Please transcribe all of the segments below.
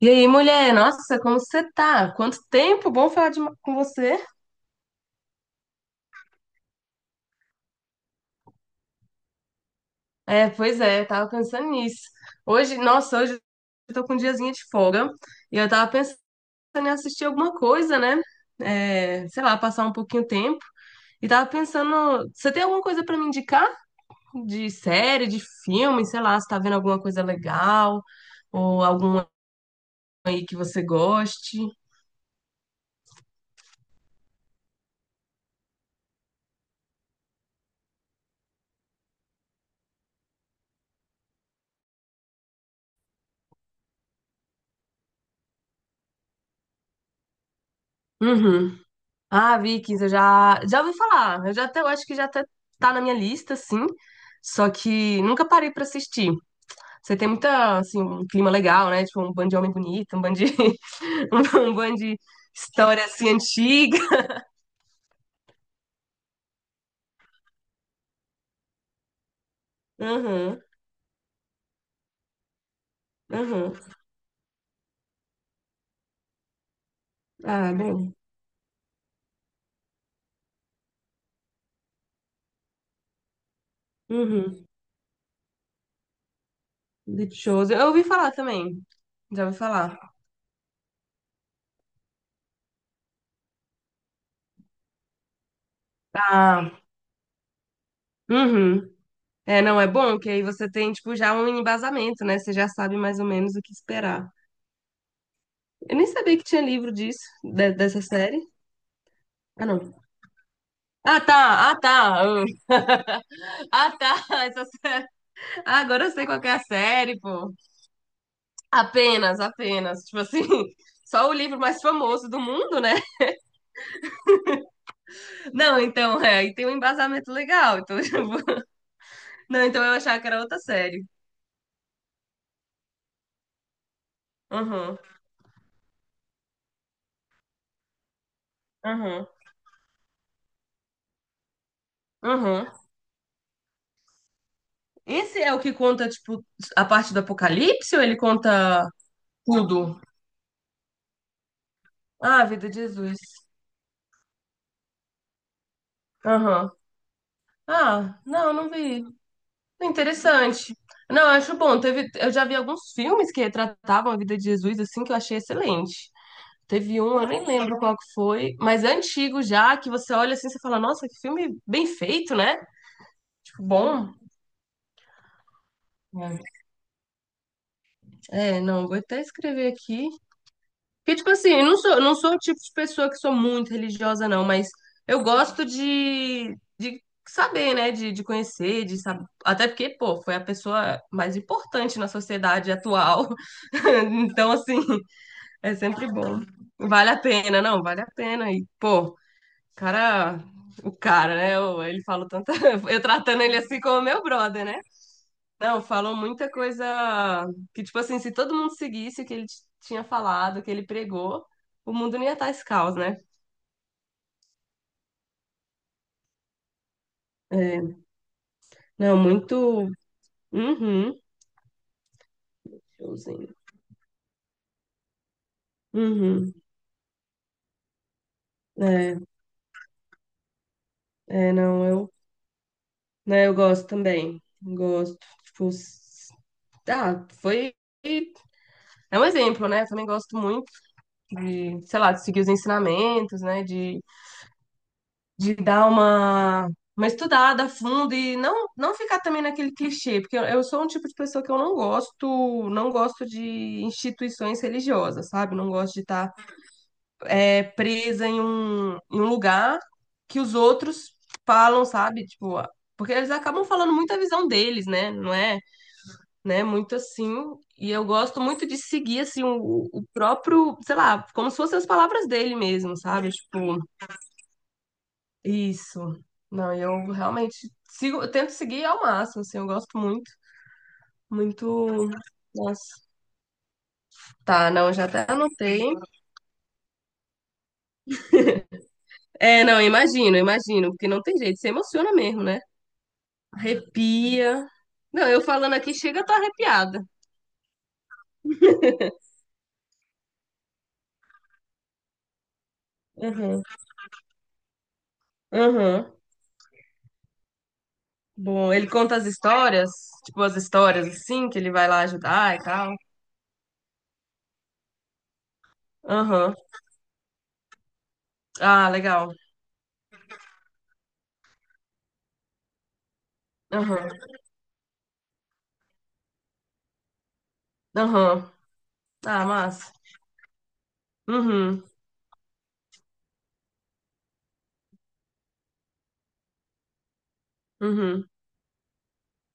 E aí, mulher, nossa, como você tá? Quanto tempo? Bom falar com você. É, pois é, eu tava pensando nisso. Hoje, nossa, hoje eu tô com um diazinho de folga e eu tava pensando em assistir alguma coisa, né? É, sei lá, passar um pouquinho o tempo. E tava pensando, você tem alguma coisa pra me indicar? De série, de filme, sei lá, você tá vendo alguma coisa legal ou alguma aí que você goste? Uhum. Ah, Vikings, eu já ouvi falar. Eu acho que já até tá na minha lista, sim. Só que nunca parei pra assistir. Você tem muita, assim, um clima legal, né? Tipo, um bando de homem bonito, um bando de história, assim, antiga. Aham, aham. Ah, bem. Uhum. Deep. Eu ouvi falar também. Já ouvi falar. Ah, uhum. É, não, é bom que aí você tem, tipo, já um embasamento, né? Você já sabe mais ou menos o que esperar. Eu nem sabia que tinha livro disso, dessa série. Ah, não. Ah, tá, ah, tá. Ah, ah, tá. Essa série. Ah, agora eu sei qual que é a série, pô. Apenas, apenas. Tipo assim, só o livro mais famoso do mundo, né? Não, então, é, e tem um embasamento legal. Então, eu vou. Não, então eu achava que era outra série. Uhum, uhum, uhum. Esse é o que conta, tipo, a parte do Apocalipse ou ele conta tudo? Ah, a vida de Jesus. Aham. Ah, não, não vi. Interessante. Não, eu acho bom. Teve, eu já vi alguns filmes que retratavam a vida de Jesus, assim, que eu achei excelente. Teve um, eu nem lembro qual que foi, mas é antigo já, que você olha assim e fala, nossa, que filme bem feito, né? Tipo, bom. É, É, não, vou até escrever aqui. Porque, tipo assim, eu não sou, não sou o tipo de pessoa que sou muito religiosa, não, mas eu gosto de saber, né? De conhecer, de saber. Até porque, pô, foi a pessoa mais importante na sociedade atual. Então, assim. É sempre bom. Vale a pena, não, vale a pena. E, pô, cara, o cara, né? Ele falou tanta. Eu tratando ele assim como meu brother, né? Não, falou muita coisa que, tipo assim, se todo mundo seguisse o que ele tinha falado, o que ele pregou, o mundo não ia estar esse caos, né? É, não, muito. Uhum. Showzinho. Uhum. É, é, não, eu, né, eu gosto também. Gosto. Tipo, ah, foi. É um exemplo, né? Eu também gosto muito. De, sei lá, de seguir os ensinamentos, né? De dar uma estudada a fundo e não, não ficar também naquele clichê, porque eu sou um tipo de pessoa que eu não gosto, não gosto de instituições religiosas, sabe? Não gosto de estar presa em um lugar que os outros falam, sabe? Tipo, porque eles acabam falando muito a visão deles, né? Não é, né? Muito assim. E eu gosto muito de seguir assim o próprio, sei lá, como se fossem as palavras dele mesmo, sabe? Tipo, isso. Não, eu realmente sigo, eu tento seguir ao máximo, assim, eu gosto muito, muito. Nossa. Tá, não, já até anotei. É, não, imagino, imagino, porque não tem jeito, você emociona mesmo, né? Arrepia. Não, eu falando aqui, chega, eu tô arrepiada. Uhum. Uhum. Bom, ele conta as histórias, tipo as histórias assim, que ele vai lá ajudar e tal. Aham. Ah, legal. Aham. Aham. Ah, massa. Uhum. Uhum.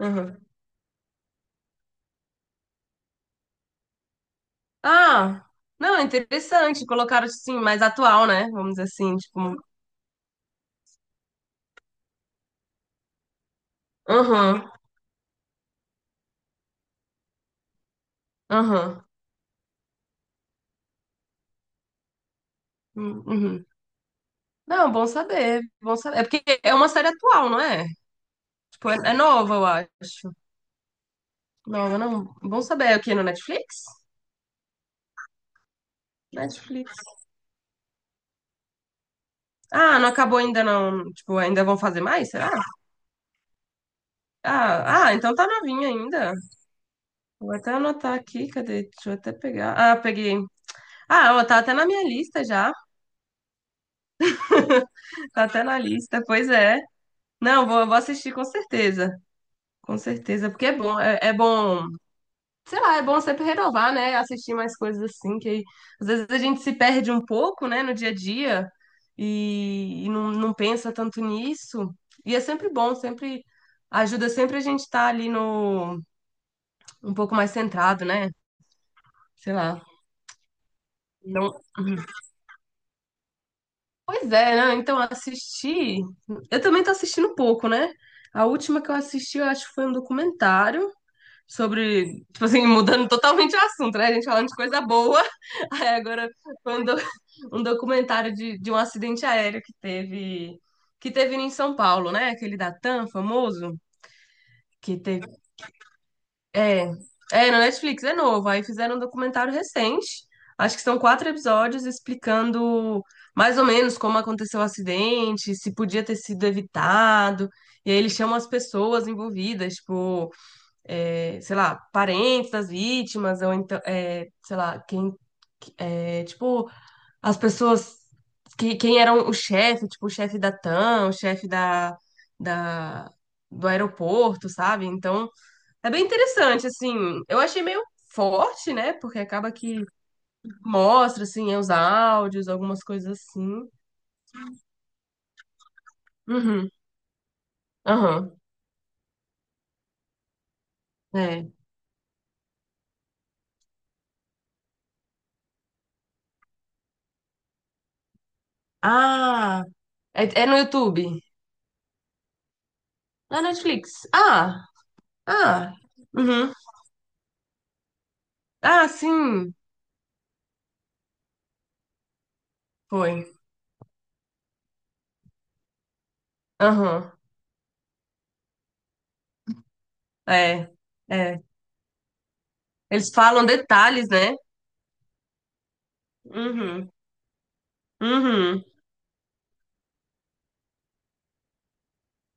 Uhum. Ah, não, é interessante. Colocaram assim, mais atual, né? Vamos dizer assim, tipo. Aham, aham. Hum, uhum. Não, bom saber, bom saber. É porque é uma série atual, não é? Tipo, é nova, eu acho. Nova, não. Bom saber. É o quê? No Netflix? Netflix. Ah, não acabou ainda, não. Tipo, ainda vão fazer mais, será? Ah, ah, então tá novinha ainda. Vou até anotar aqui, cadê? Deixa eu até pegar. Ah, peguei. Ah, ó, tá até na minha lista já. Tá até na lista, pois é. Não, vou assistir com certeza. Com certeza, porque é bom, é bom, sei lá, é bom sempre renovar, né? Assistir mais coisas assim, que aí, às vezes a gente se perde um pouco, né, no dia a dia e não, não pensa tanto nisso. E é sempre bom, sempre ajuda sempre a gente estar ali no um pouco mais centrado, né? Sei lá. Não, uhum. Pois é, né? Então assistir. Eu também tô assistindo pouco, né? A última que eu assisti, eu acho que foi um documentário sobre, tipo assim, mudando totalmente o assunto, né? A gente falando de coisa boa. Aí agora foi um, um documentário de um acidente aéreo que teve em São Paulo, né? Aquele da TAM famoso, que teve. É, na Netflix, é novo. Aí fizeram um documentário recente. Acho que são quatro episódios explicando mais ou menos como aconteceu o acidente, se podia ter sido evitado. E aí eles chamam as pessoas envolvidas, tipo sei lá, parentes das vítimas, ou então, sei lá, quem, tipo, as pessoas, que, quem eram o chefe, tipo, o chefe da TAM, o chefe da, do aeroporto, sabe? Então, é bem interessante, assim, eu achei meio forte, né? Porque acaba que mostra, assim, os áudios, algumas coisas assim. Uhum, aham, é. Ah, é, é no YouTube? Na Netflix. Ah, ah, uhum. Ah, sim, foi. Aham. É, é. Eles falam detalhes, né? Uhum. Uhum.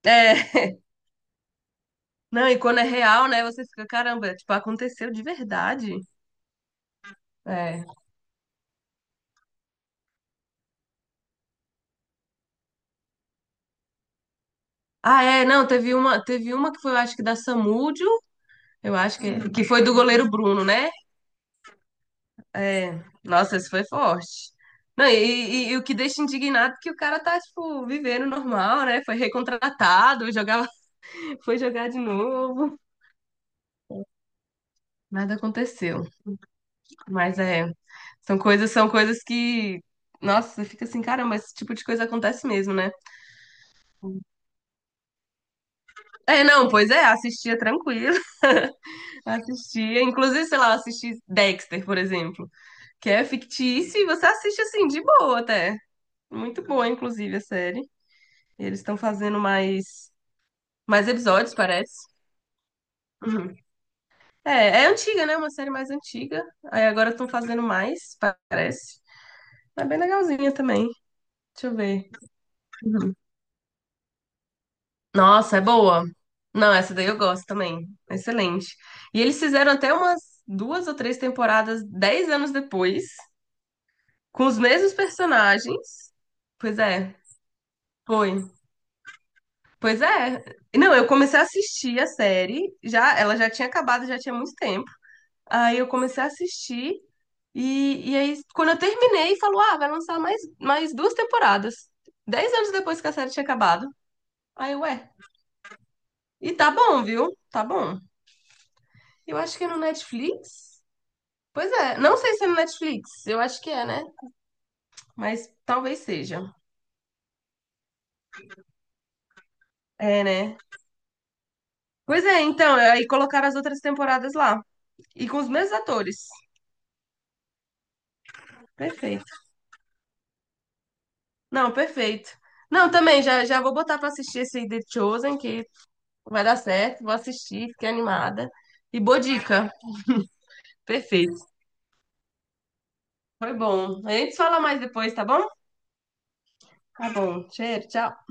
É. Não, e quando é real, né? Você fica, caramba, tipo, aconteceu de verdade. É. Ah, é, não, teve uma que foi, eu acho que da Samúdio, eu acho que foi do goleiro Bruno, né? É. Nossa, isso foi forte. Não, e o que deixa indignado é que o cara tá, tipo, vivendo normal, né? Foi recontratado, jogava, foi jogar de novo. Nada aconteceu. Mas é, são coisas que, nossa, você fica assim, caramba, esse tipo de coisa acontece mesmo, né? É, não, pois é, assistia tranquilo, assistia, inclusive, sei lá, eu assisti Dexter, por exemplo, que é fictício e você assiste assim, de boa até. Muito boa, inclusive, a série. E eles estão fazendo mais episódios, parece. Uhum. É, é antiga, né? Uma série mais antiga. Aí agora estão fazendo mais, parece. É bem legalzinha também. Deixa eu ver. Nossa, é boa. Não, essa daí eu gosto também. Excelente. E eles fizeram até umas duas ou três temporadas 10 anos depois, com os mesmos personagens. Pois é, foi. Pois é. Não, eu comecei a assistir a série, já, ela já tinha acabado, já tinha muito tempo. Aí eu comecei a assistir, e aí, quando eu terminei, falou: ah, vai lançar mais duas temporadas. Dez anos depois que a série tinha acabado. Aí, ué. E tá bom, viu? Tá bom. Eu acho que é no Netflix. Pois é, não sei se é no Netflix, eu acho que é, né? Mas talvez seja. É, né? Pois é, então, aí colocaram as outras temporadas lá. E com os mesmos atores. Perfeito. Não, perfeito. Não, também, já, já vou botar pra assistir esse aí The Chosen, que vai dar certo. Vou assistir, fiquei animada. E boa dica. Perfeito. Foi bom. A gente fala mais depois, tá bom? Tá bom. Cheiro, tchau.